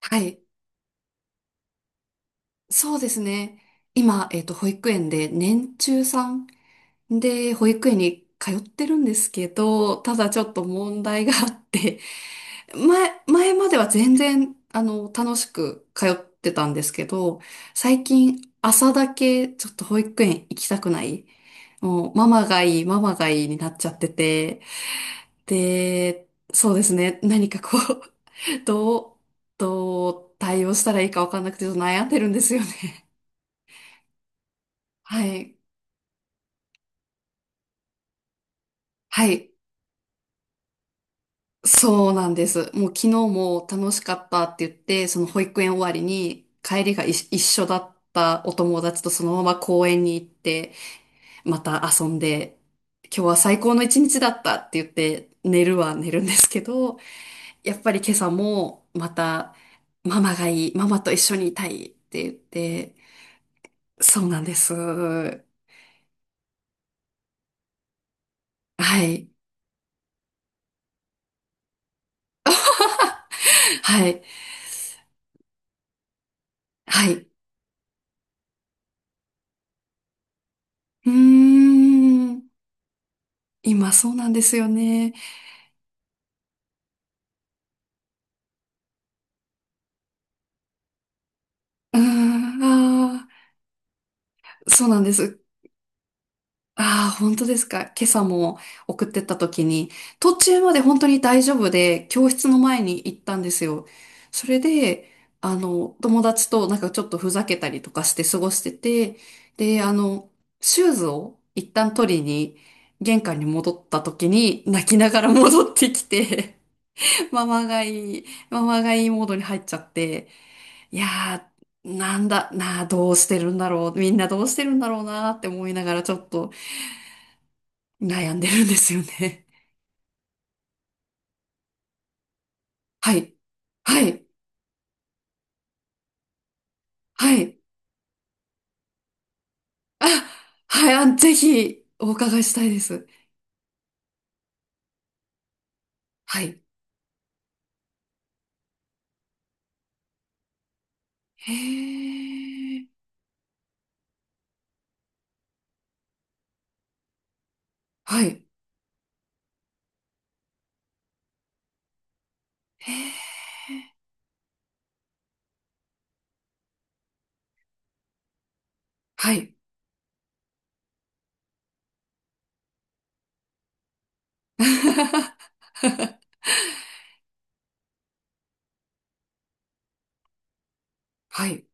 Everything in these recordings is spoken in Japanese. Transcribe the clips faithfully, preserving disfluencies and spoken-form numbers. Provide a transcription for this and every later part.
はい。そうですね。今、えっと、保育園で年中さんで保育園に通ってるんですけど、ただちょっと問題があって、前、前までは全然、あの、楽しく通ってたんですけど、最近朝だけちょっと保育園行きたくない。もう、ママがいい、ママがいいになっちゃってて、で、そうですね、何かこう、どう、どう対応したらいいかわかんなくてちょっと悩んでるんですよね。はい。はい。そうなんです。もう昨日も楽しかったって言って、その保育園終わりに帰りがい一緒だったお友達とそのまま公園に行って、また遊んで、今日は最高の一日だったって言って寝るは寝るんですけど、やっぱり今朝もまたママがいい、ママと一緒にいたいって言って、そうなんです。はい。はい。はい。うーん。今そうなんですよね。ああ、そうなんです。ああ、本当ですか。今朝も送ってった時に、途中まで本当に大丈夫で、教室の前に行ったんですよ。それで、あの、友達となんかちょっとふざけたりとかして過ごしてて、で、あの、シューズを一旦取りに、玄関に戻った時に、泣きながら戻ってきて、ママがいい、ママがいいモードに入っちゃって、いやー、なんだ、なあ、どうしてるんだろう。みんなどうしてるんだろうなって思いながらちょっと悩んでるんですよね。はい。はい。はい。あ、はい。あ、ぜひお伺いしたいです。はい。へー。はい。へー。はい。はい。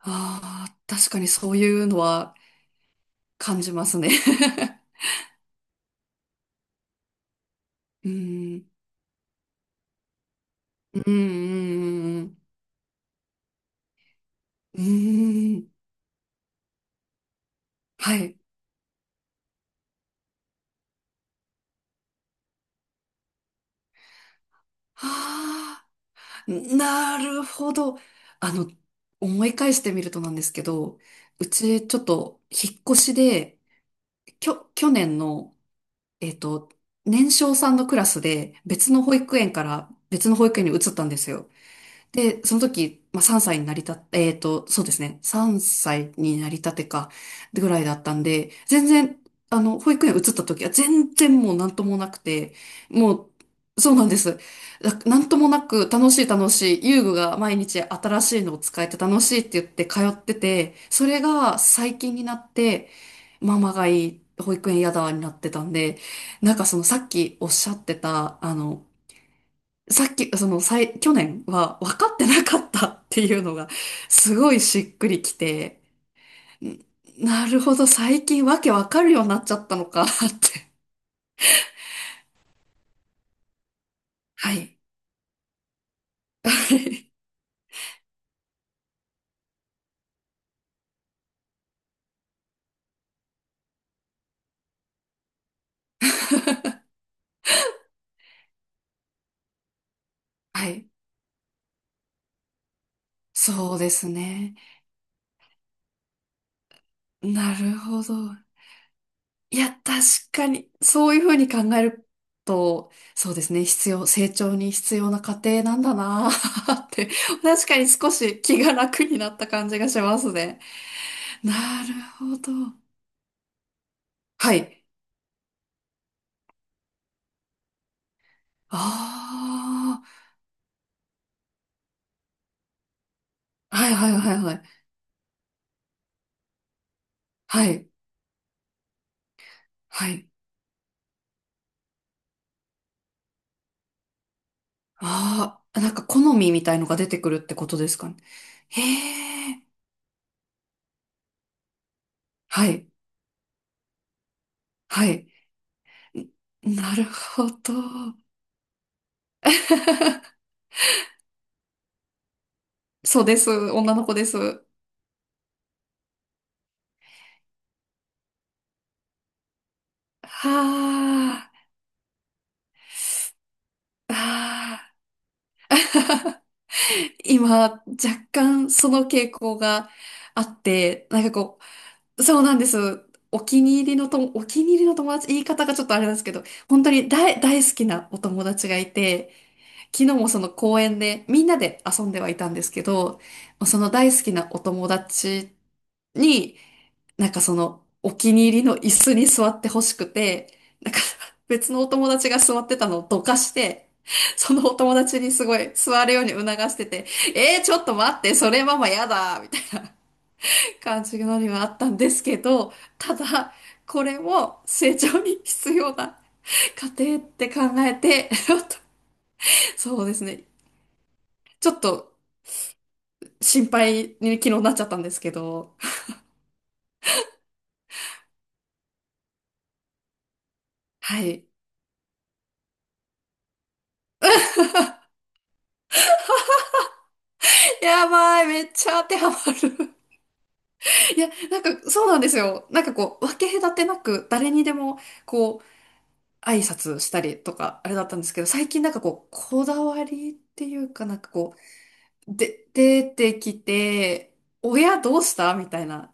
ああ、確かにそういうのは感じますね。うーん。うーん。うーん。うーんはい。はあ。なるほど。あの、思い返してみるとなんですけど、うちちょっと引っ越しで、きょ、去年の、えっと、年少さんのクラスで別の保育園から別の保育園に移ったんですよ。で、その時、まあ、さんさいになりた、えっと、そうですね。さんさいになりたてか、ぐらいだったんで、全然、あの、保育園移った時は全然もうなんともなくて、もう、そうなんです。な、なんともなく、楽しい楽しい、遊具が毎日新しいのを使えて楽しいって言って通ってて、それが最近になって、ママがいい、保育園嫌だになってたんで、なんかそのさっきおっしゃってた、あの、さっき、その、さい去年は分かってなかったっていうのが、すごいしっくりきて、んなるほど、最近わけ分かるようになっちゃったのかって。はい。はい。そうですね。なるほど。いや、確かに、そういうふうに考えると、そうですね、必要、成長に必要な過程なんだなー って、確かに少し気が楽になった感じがしますね。なるほど。はい。ああ、はいはいはいはい。はい、はい。ああ、なんか好みみたいのが出てくるってことですかね。へえ、はい、はい。んなるほど。そうです。女の子です。はあ、あー今、若干その傾向があって、なんかこう、そうなんです。お気に入りのと、お気に入りの友達、言い方がちょっとあれなんですけど、本当に大、大好きなお友達がいて、昨日もその公園でみんなで遊んではいたんですけど、その大好きなお友達に、なんかそのお気に入りの椅子に座ってほしくて、なんか 別のお友達が座ってたのをどかして、そのお友達にすごい座るように促してて、えー、ちょっと待って、それママやだみたいな感じのにはあったんですけど、ただ、これも成長に必要な過程って考えて、そうですね。ちょっと心配に昨日なっちゃったんですけど。はい。やばい、めっちゃ当てはまる。いや、なんかそうなんですよ。なんかこう、分け隔てなく誰にでもこう、挨拶したりとか、あれだったんですけど、最近なんかこう、こだわりっていうかなんかこう、で、出てきて、親どうしたみたいな。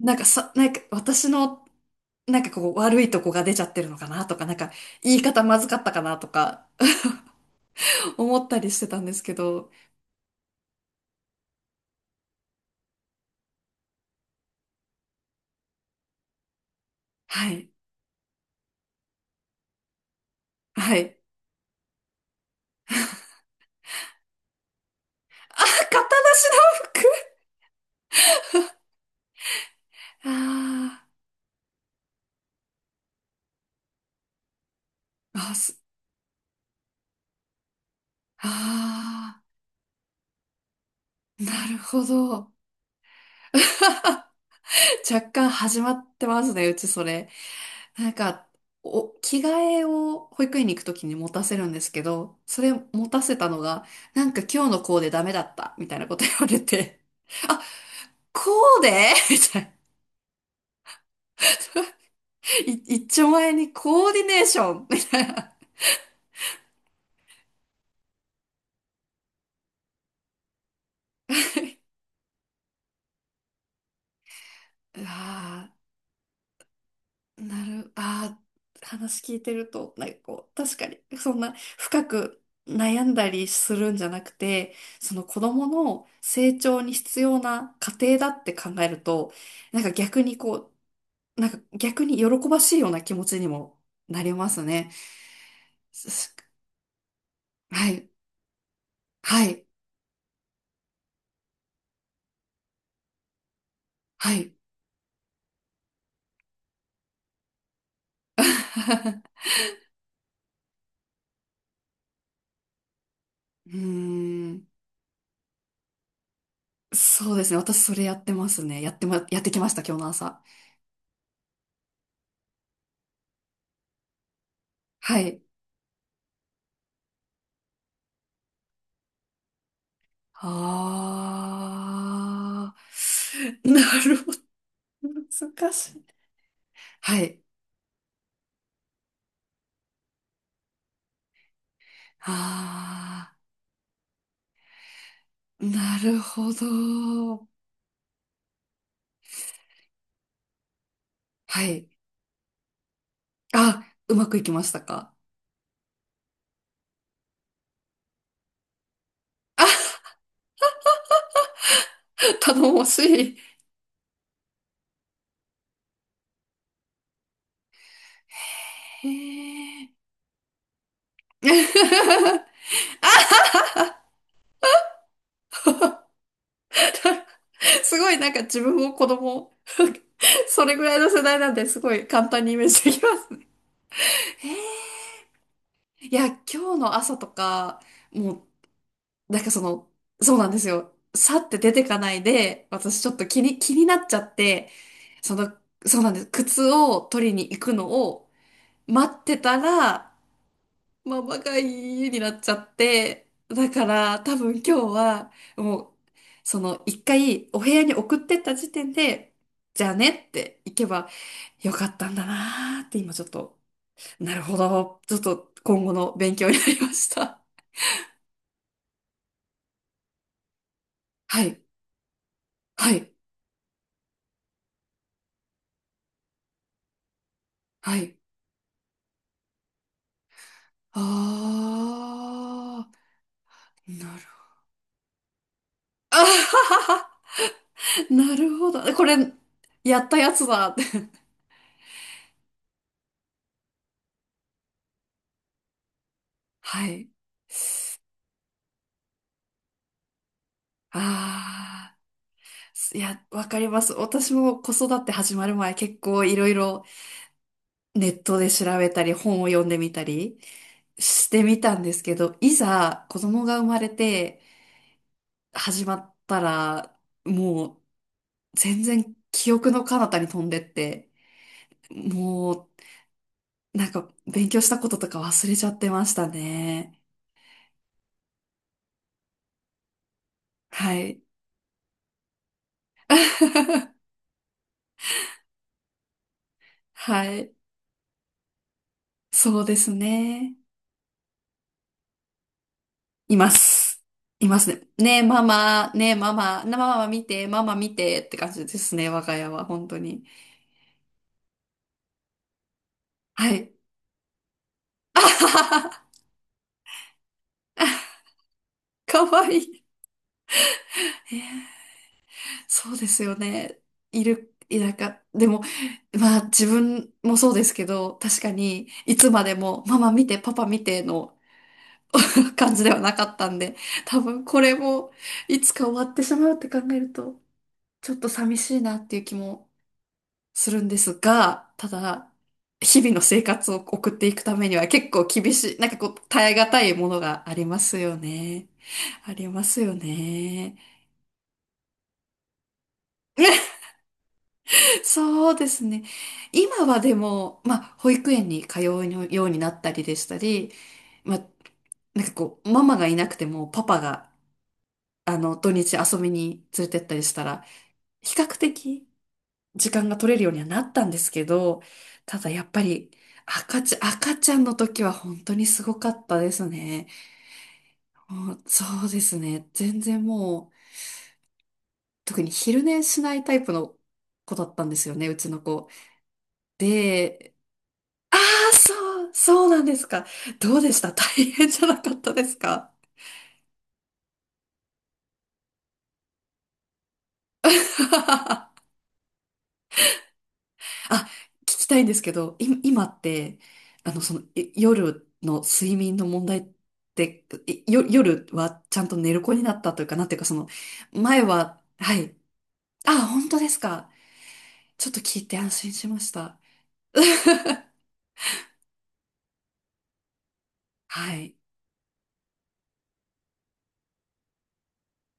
なんかさ、なんか私の、なんかこう、悪いとこが出ちゃってるのかなとか、なんか言い方まずかったかなとか、思ったりしてたんですけど、はい。はい。あ、型なしの服あーあ、す、あー、なるほど。若干始まってますね、うちそれ。なんか、お、着替えを保育園に行くときに持たせるんですけど、それ持たせたのが、なんか今日のコーデダメだった、みたいなこと言われて、あ、コーデみたいな。い、一丁前にコーディネーションみたいな。うわーなる、ああ、話聞いてると、なんかこう、確かに、そんな深く悩んだりするんじゃなくて、その子供の成長に必要な過程だって考えると、なんか逆にこう、なんか逆に喜ばしいような気持ちにもなりますね。すすはい、はい、はい。うーん、そうですね。私それやってますね。やってま、やってきました、今日の朝。はい。ああ、なるほど。難しい。はい。ああ、なるほど。はい。あ、うまくいきましたかあ、頼もしい。へえ。あ、すごい、なんか自分も子供、それぐらいの世代なんで、すごい簡単にイメージできます。いや、今日の朝とか、もうなんかその、そうなんですよ。さって出てかないで、私ちょっと気に、気になっちゃって、その、そうなんです。靴を取りに行くのを待ってたら、ママが家になっちゃって、だから多分今日は、もう、その一回お部屋に送ってった時点で、じゃあねって行けばよかったんだなーって今ちょっと、なるほど。ちょっと今後の勉強になりました。はい。はい。はい。ああ、なるほど。あははは なるほど。これ、やったやつだって。はい。ああ、いや、わかります。私も子育て始まる前、結構いろいろネットで調べたり、本を読んでみたりしてみたんですけど、いざ子供が生まれて始まったら、もう全然記憶の彼方に飛んでって、もうなんか勉強したこととか忘れちゃってましたね。はい。はい。そうですね。います。いますね。ねえ、ママ、ねえ、ママ、なママ見て、ママ見てって感じですね、我が家は、本当に。はい。あははは、かわいい。そうですよね。いる、いなか、でも、まあ自分もそうですけど、確かに、いつまでも、ママ見て、パパ見ての 感じではなかったんで、多分これも、いつか終わってしまうって考えると、ちょっと寂しいなっていう気もするんですが、ただ、日々の生活を送っていくためには結構厳しい、なんかこう、耐え難いものがありますよね。ありますよね。そうですね。今はでも、まあ、保育園に通うようになったりでしたり、まあ、なんかこう、ママがいなくてもパパが、あの、土日遊びに連れてったりしたら、比較的時間が取れるようにはなったんですけど、ただやっぱり赤ちゃん、赤ちゃんの時は本当にすごかったですね。もうそうですね。全然もう、特に昼寝しないタイプの子だったんですよね、うちの子。で、ああ、そう、そうなんですか。どうでした大変じゃなかったですか あ、聞きたいんですけど、い、今って、あの、その、い夜の睡眠の問題って、いよ、夜はちゃんと寝る子になったというか、なんていうか、その、前は、はい。あ、本当ですか。ちょっと聞いて安心しました。はい。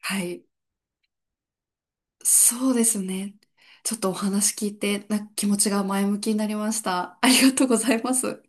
はい。そうですね。ちょっとお話聞いて、な、気持ちが前向きになりました。ありがとうございます。